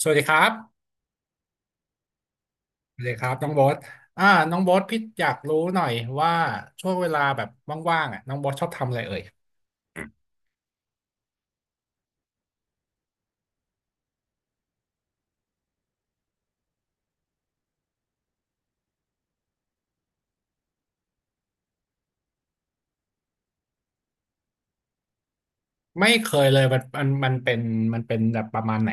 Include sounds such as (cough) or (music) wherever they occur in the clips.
สวัสดีครับสวัสดีครับน้องโบ๊ทอ่าน้องโบ๊ทพี่อยากรู้หน่อยว่าช่วงเวลาแบบว่างๆอ่ะน้องโบ๊ทชอบทำอะไรเอ่ยไม่เคยเลยมันเป็นมันเป็นแบบประมาณไหน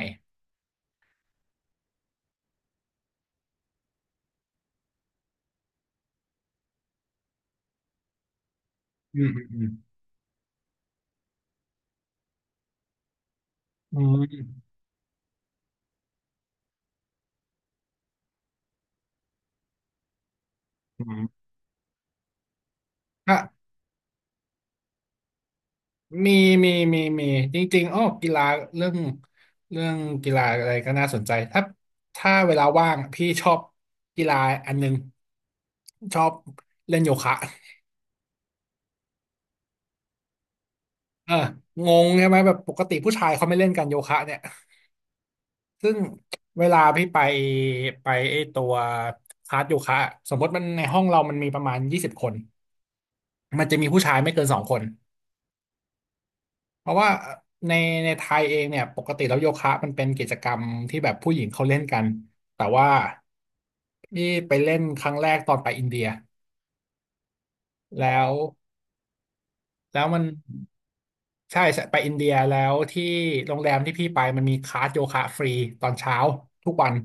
อืมอืมอืมอืมอืมอ่ะมีมีมีมีจริงๆอ้อกีฬาเรื่องเรื่องกีฬาอะไรก็น่าสนใจถ้าเวลาว่างพี่ชอบกีฬาอันนึงชอบเล่นโยคะเอองงใช่ไหมแบบปกติผู้ชายเขาไม่เล่นกันโยคะเนี่ย ซึ่งเวลาพี่ไปไอตัวคลาสโยคะอะสมมติมันในห้องเรามันมีประมาณ20 คนมันจะมีผู้ชายไม่เกิน2 คนเพราะว่าในในไทยเองเนี่ยปกติแล้วโยคะมันเป็นกิจกรรมที่แบบผู้หญิงเขาเล่นกันแต่ว่าพี่ไปเล่นครั้งแรกตอนไปอินเดียแล้วแล้วมันใช่ใช่ไปอินเดียแล้วที่โรงแรมที่พี่ไปมันมีคลาสโยคะฟรีตอนเช้าทุกวัน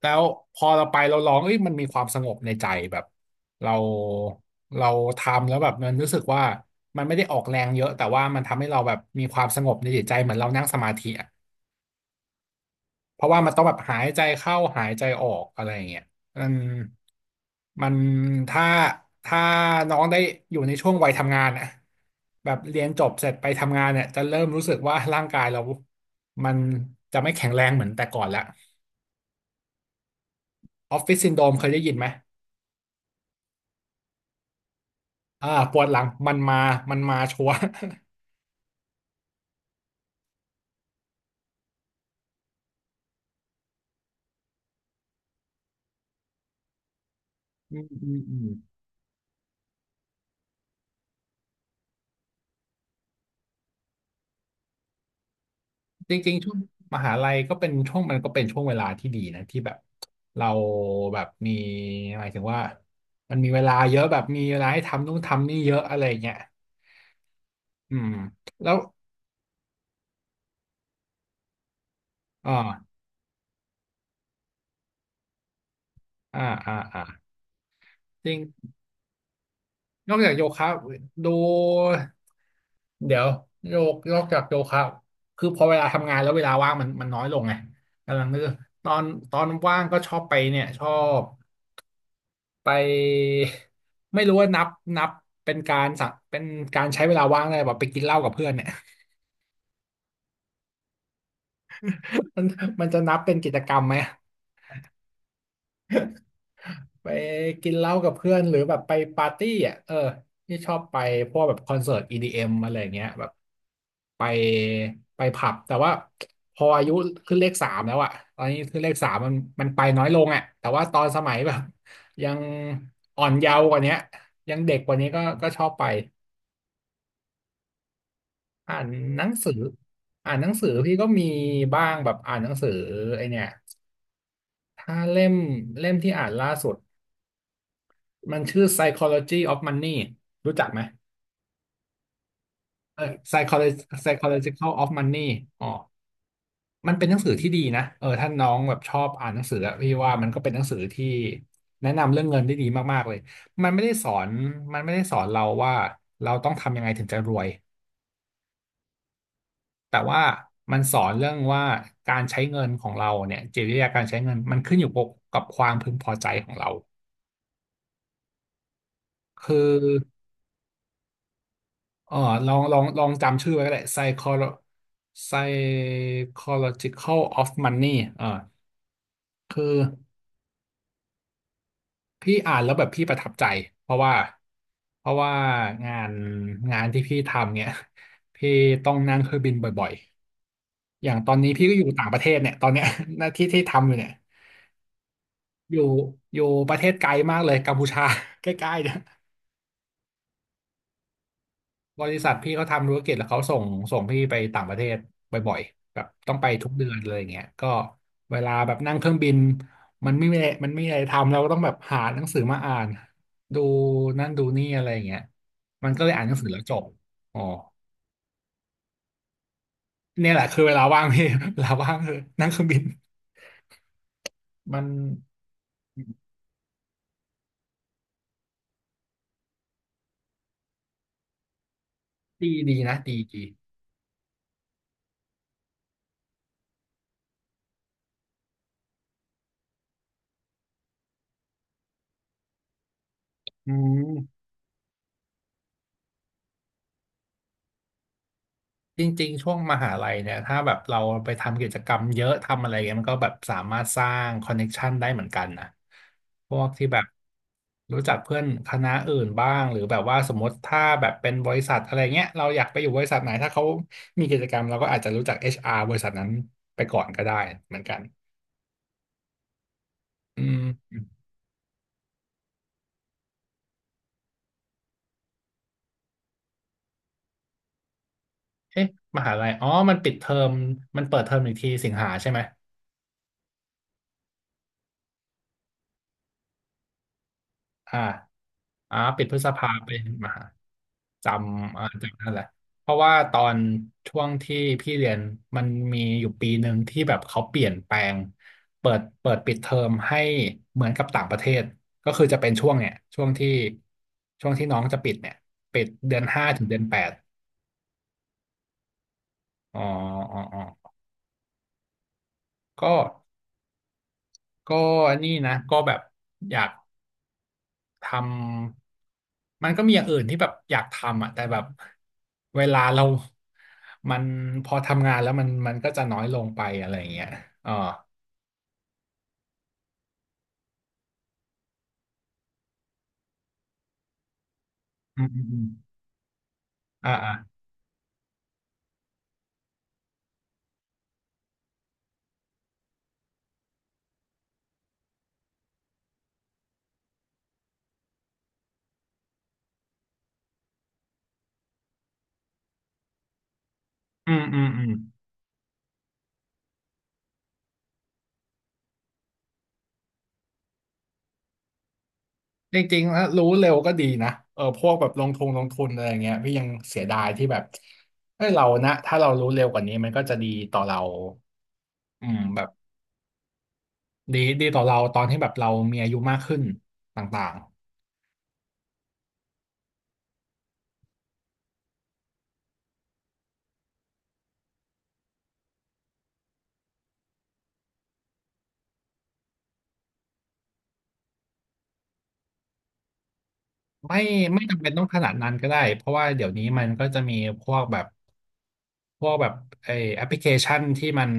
แล้วพอเราไปเราร้องเอ้ยมันมีความสงบในใจแบบเราเราทำแล้วแบบมันรู้สึกว่ามันไม่ได้ออกแรงเยอะแต่ว่ามันทำให้เราแบบมีความสงบในจิตใจเหมือนเรานั่งสมาธิอะเพราะว่ามันต้องแบบหายใจเข้าหายใจออกอะไรอย่างเงี้ยมันมันถ้าถ้าน้องได้อยู่ในช่วงวัยทำงานอะแบบเรียนจบเสร็จไปทำงานเนี่ยจะเริ่มรู้สึกว่าร่างกายเรามันจะไม่แข็งแรงเหมือนแต่ก่อนละออฟฟิศซินโดรมเคยได้ยินไหม ปวดหลังมันมามันมาชัวร์อืมอืมอืมจริงๆช่วงมหาลัยก็เป็นช่วงมันก็เป็นช่วงเวลาที่ดีนะที่แบบเราแบบมีหมายถึงว่ามันมีเวลาเยอะแบบมีเวลาให้ทำนู่นทำนี่เยอะอะไรเงี้ยอืมแล้วอ่าอ่าอ่าอ่าจริงนอกจากโยคะดูเดี๋ยวโยกนอกจากโยคะคือพอเวลาทำงานแล้วเวลาว่างมันน้อยลงไงกำลังนึกตอนตอนว่างก็ชอบไปเนี่ยชอบ ไปไม่รู้ว่านับเป็นการสักเป็นการใช้เวลาว่างได้แบบไปกินเหล้ากับเพื่อนเนี่ย (laughs) มันมันจะนับเป็นกิจกรรมไหมไปกินเหล้ากับเพื่อนหรือแบบไปปาร์ตี้อ่ะเออที่ชอบไปพวกแบบคอนเสิร์ต EDM อมอะไรอย่างเงี้ยแบบไปไปผับแต่ว่าพออายุขึ้นเลขสามแล้วอะตอนนี้ขึ้นเลขสามมันไปน้อยลงอ่ะแต่ว่าตอนสมัยแบบยังอ่อนเยาว์กว่าเนี้ยยังเด็กกว่านี้ก็ก็ชอบไป อ่านหนังสืออ่านหนังสือพี่ก็มีบ้างแบบอ่านหนังสือไอเนี่ยถ้าเล่มที่อ่านล่าสุดมันชื่อ Psychology of Money รู้จักไหมเออ Psychology Psychological of Money อ๋อมันเป็นหนังสือที่ดีนะเออถ้าน้องแบบชอบอ่านหนังสืออะพี่ว่ามันก็เป็นหนังสือที่แนะนำเรื่องเงินได้ดีมากๆเลยมันไม่ได้สอนมันไม่ได้สอนเราว่าเราต้องทำยังไงถึงจะรวย แต่ว่ามันสอนเรื่องว่าการใช้เงินของเราเนี่ยจิตวิทยาการใช้เงินมันขึ้นอยู่กับความพึงพอใจของเราคือเออลองจำชื่อไว้ก็ได้ psycholo psychological of money เออคือพี่อ่านแล้วแบบพี่ประทับใจเพราะว่าเพราะว่างานงานที่พี่ทำเนี่ยพี่ต้องนั่งเครื่องบินบ่อยๆอย่างตอนนี้พี่ก็อยู่ต่างประเทศเนี่ยตอนเนี้ย (laughs) หน้าที่ที่ทำอยู่เนี่ย อยู่อยู่ประเทศไกลมากเลยกัมพูชา (laughs) ใกล้ๆเนี่ยบริษัทพี่เขาทำธุรกิจแล้วเขาส่งพี่ไปต่างประเทศบ่อยๆแบบต้องไปทุกเดือนเลยอย่างเงี้ยก็เวลาแบบนั่งเครื่องบินมันไม่มีอะไรทำเราก็ต้องแบบหาหนังสือมาอ่านดูนั่นดูนี่อะไรอย่างเงี้ยมันก็เลยอ่านหนังสือแล้วจบอ๋อเนี่ยแหละคือเวลาว่างพี่ (laughs) เวลาว่างคือนั่งเครื่องบินมันดีดีนะดีดีอืม จริงๆ ช่วงมหาลัยเนี่ยถ้าแบบเราไปทำกิจกรรมเยอะทำอะไรเงี้ยมันก็แบบสามารถสร้างคอนเน็กชันได้เหมือนกันนะพวกที่แบบรู้จักเพื่อนคณะอื่นบ้างหรือแบบว่าสมมติถ้าแบบเป็นบริษัทอะไรเงี้ยเราอยากไปอยู่บริษัทไหนถ้าเขามีกิจกรรมเราก็อาจจะรู้จักเอชอาร์บริษัทนั้นไปก่อนก็ได้เหมือนกันอืมเอ๊ะมหาลัยอ๋อมันปิดเทอมมันเปิดเทอมอีกทีสิงหาใช่ไหม อ่าอ่าปิดพฤษภาไปมหาจำอ่าจำนั่นแหละเพราะว่าตอนช่วงที่พี่เรียนมันมีอยู่ปีหนึ่งที่แบบเขาเปลี่ยนแปลงเปิดปิดเทอมให้เหมือนกับต่างประเทศก็คือจะเป็นช่วงเนี่ยช่วงที่น้องจะปิดเนี่ยปิดเดือน 5ถึงเดือน 8อ๋ออ๋ออ๋อก็ก็นี่นะก็แบบอยาก ทำมันก็มีอย่างอื่นที่แบบอยากทำอ่ะแต่แบบเวลาเรามันพอทำงานแล้วมันก็จะน้อยลงไปอะไรอย่างเงี้ยอ๋ออืมอืมอืมอ่าอ่าอืมอืมอืมจริงๆถ้ารู้เร็วก็ดีนะเออพวกแบบลงทุนลงทุนอะไรอย่างเงี้ยพี่ยังเสียดายที่แบบเฮ้ยเรานะถ้าเรารู้เร็วกว่านี้มันก็จะดีต่อเราอืมแบบดีดีต่อเราตอนที่แบบเรามีอายุมากขึ้นต่าง ไม่ไม่จำเป็นต้องขนาดนั้นก็ได้เพราะว่าเดี๋ยวนี้มันก็จะมีพวกแบบพวกแบบไอแอปพลิเคชันที่มัน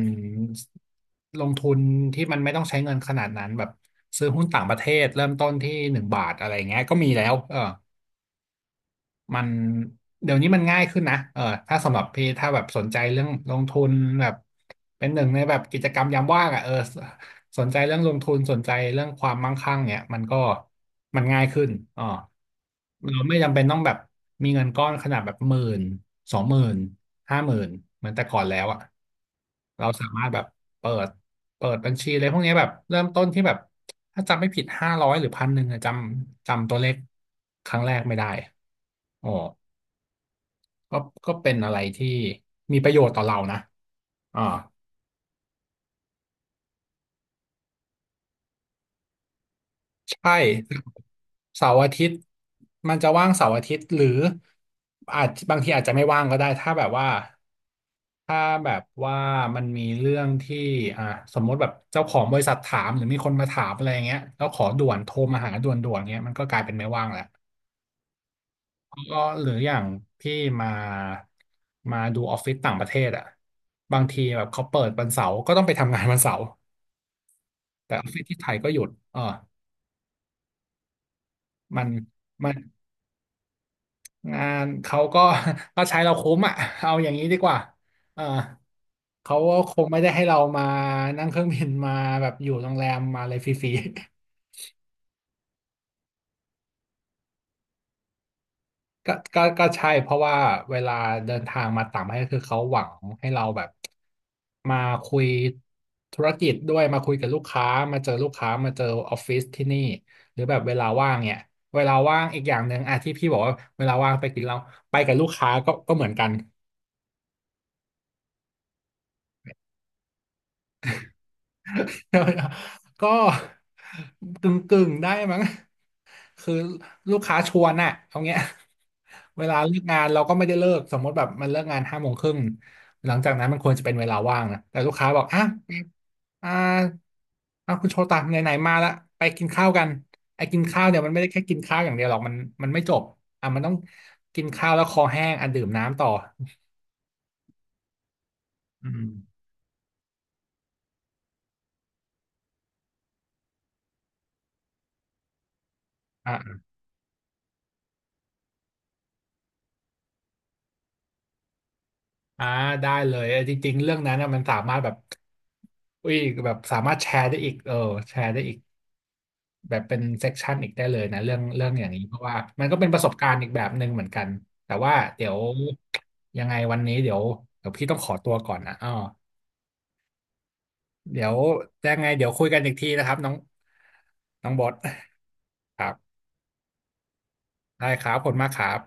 ลงทุนที่มันไม่ต้องใช้เงินขนาดนั้นแบบซื้อหุ้นต่างประเทศเริ่มต้นที่1 บาทอะไรเงี้ยก็มีแล้วเออ มันเดี๋ยวนี้มันง่ายขึ้นนะเออถ้าสำหรับพี่ถ้าแบบสนใจเรื่องลงทุนแบบเป็นหนึ่งในแบบกิจกรรมยามว่างอ่ะเออสนใจเรื่องลงทุนสนใจเรื่องความมั่งคั่งเนี่ยมันก็มันง่ายขึ้นอ๋อเราไม่จำเป็นต้องแบบมีเงินก้อนขนาดแบบหมื่น20,00050,000เหมือนแต่ก่อนแล้วอ่ะเราสามารถแบบเปิดเปิดบัญชีอะไรพวกเนี้ยแบบเริ่มต้นที่แบบถ้าจำไม่ผิด500หรือ1,000อะจำตัวเลขครั้งแรกไม่ได้อ๋อ ก็ก็เป็นอะไรที่มีประโยชน์ต่อเรานะอ่าใช่เสาร์อาทิตย์มันจะว่างเสาร์อาทิตย์หรืออาจบางทีอาจจะไม่ว่างก็ได้ถ้าแบบว่ามันมีเรื่องที่อ่าสมมติแบบเจ้าของบริษัทถามหรือมีคนมาถามอะไรอย่างเงี้ยแล้วขอด่วนโทรมาหาด่วนๆเงี้ยมันก็กลายเป็นไม่ว่างแหละก็หรืออย่างพี่มามาดูออฟฟิศต่างประเทศอ่ะบางทีแบบเขาเปิดวันเสาร์ก็ต้องไปทำงานวันเสาร์ แต่ออฟฟิศที่ไทยก็หยุดเออมันมันงานเขาก็ (laughs) ก็ใช้เราคุ้มอ่ะเอาอย่างนี้ดีกว่าเออเขาก็คงไม่ได้ให้เรามานั่งเครื่องบินมาแบบอยู่โรงแรมมาอะไรฟรี ก็ใช่เพราะว่าเวลาเดินทางมาต่างประเทศคือเขาหวังให้เราแบบมาคุยธุรกิจด้วยมาคุยกับลูกค้ามาเจอลูกค้ามาเจอออฟฟิศที่นี่หรือแบบเวลาว่างเนี่ยเวลาว่างอีกอย่างหนึ่งอ่ะที่พี่บอกว่าเวลาว่างไปกินเราไปกับลูกค้าก็เหมือนกัน (laughs) ก็กึ่งกึ่งได้มั้ง คือลูกค้าชวนน่ะเอาเงี้ย (laughs) เวลาเลิกงานเราก็ไม่ได้เลิกสมมติแบบมันเลิกงานห้าโมงครึ่งหลังจากนั้นมันควรจะเป็นเวลาว่างนะแต่ลูกค้าบอกอ่ะอ่าอ่ะคุณโชตะไหนๆมาละไปกินข้าวกันไอ้กินข้าวเนี่ยมันไม่ได้แค่กินข้าวอย่างเดียวหรอกมันมันไม่จบอ่ะมันต้องกินข้าวแล้วคอแห้งอ่ะดื่มน้ำต่ออืมอ่าอ่าได้เลยเออจริงๆเรื่องนั้นน่ะมันสามารถแบบอุ้ยแบบสามารถแชร์ได้อีกเออแชร์ได้อีก แบบเป็นเซกชันอีกได้เลยนะเรื่องอย่างนี้เพราะว่ามันก็เป็นประสบการณ์อีกแบบหนึ่งเหมือนกันแต่ว่าเดี๋ยวยังไงวันนี้เดี๋ยวพี่ต้องขอตัวก่อนนะอ๋อเดี๋ยวยังไงเดี๋ยวคุยกันอีกทีนะครับน้องน้องบอสครับได้ครับขอบคุณมากครับ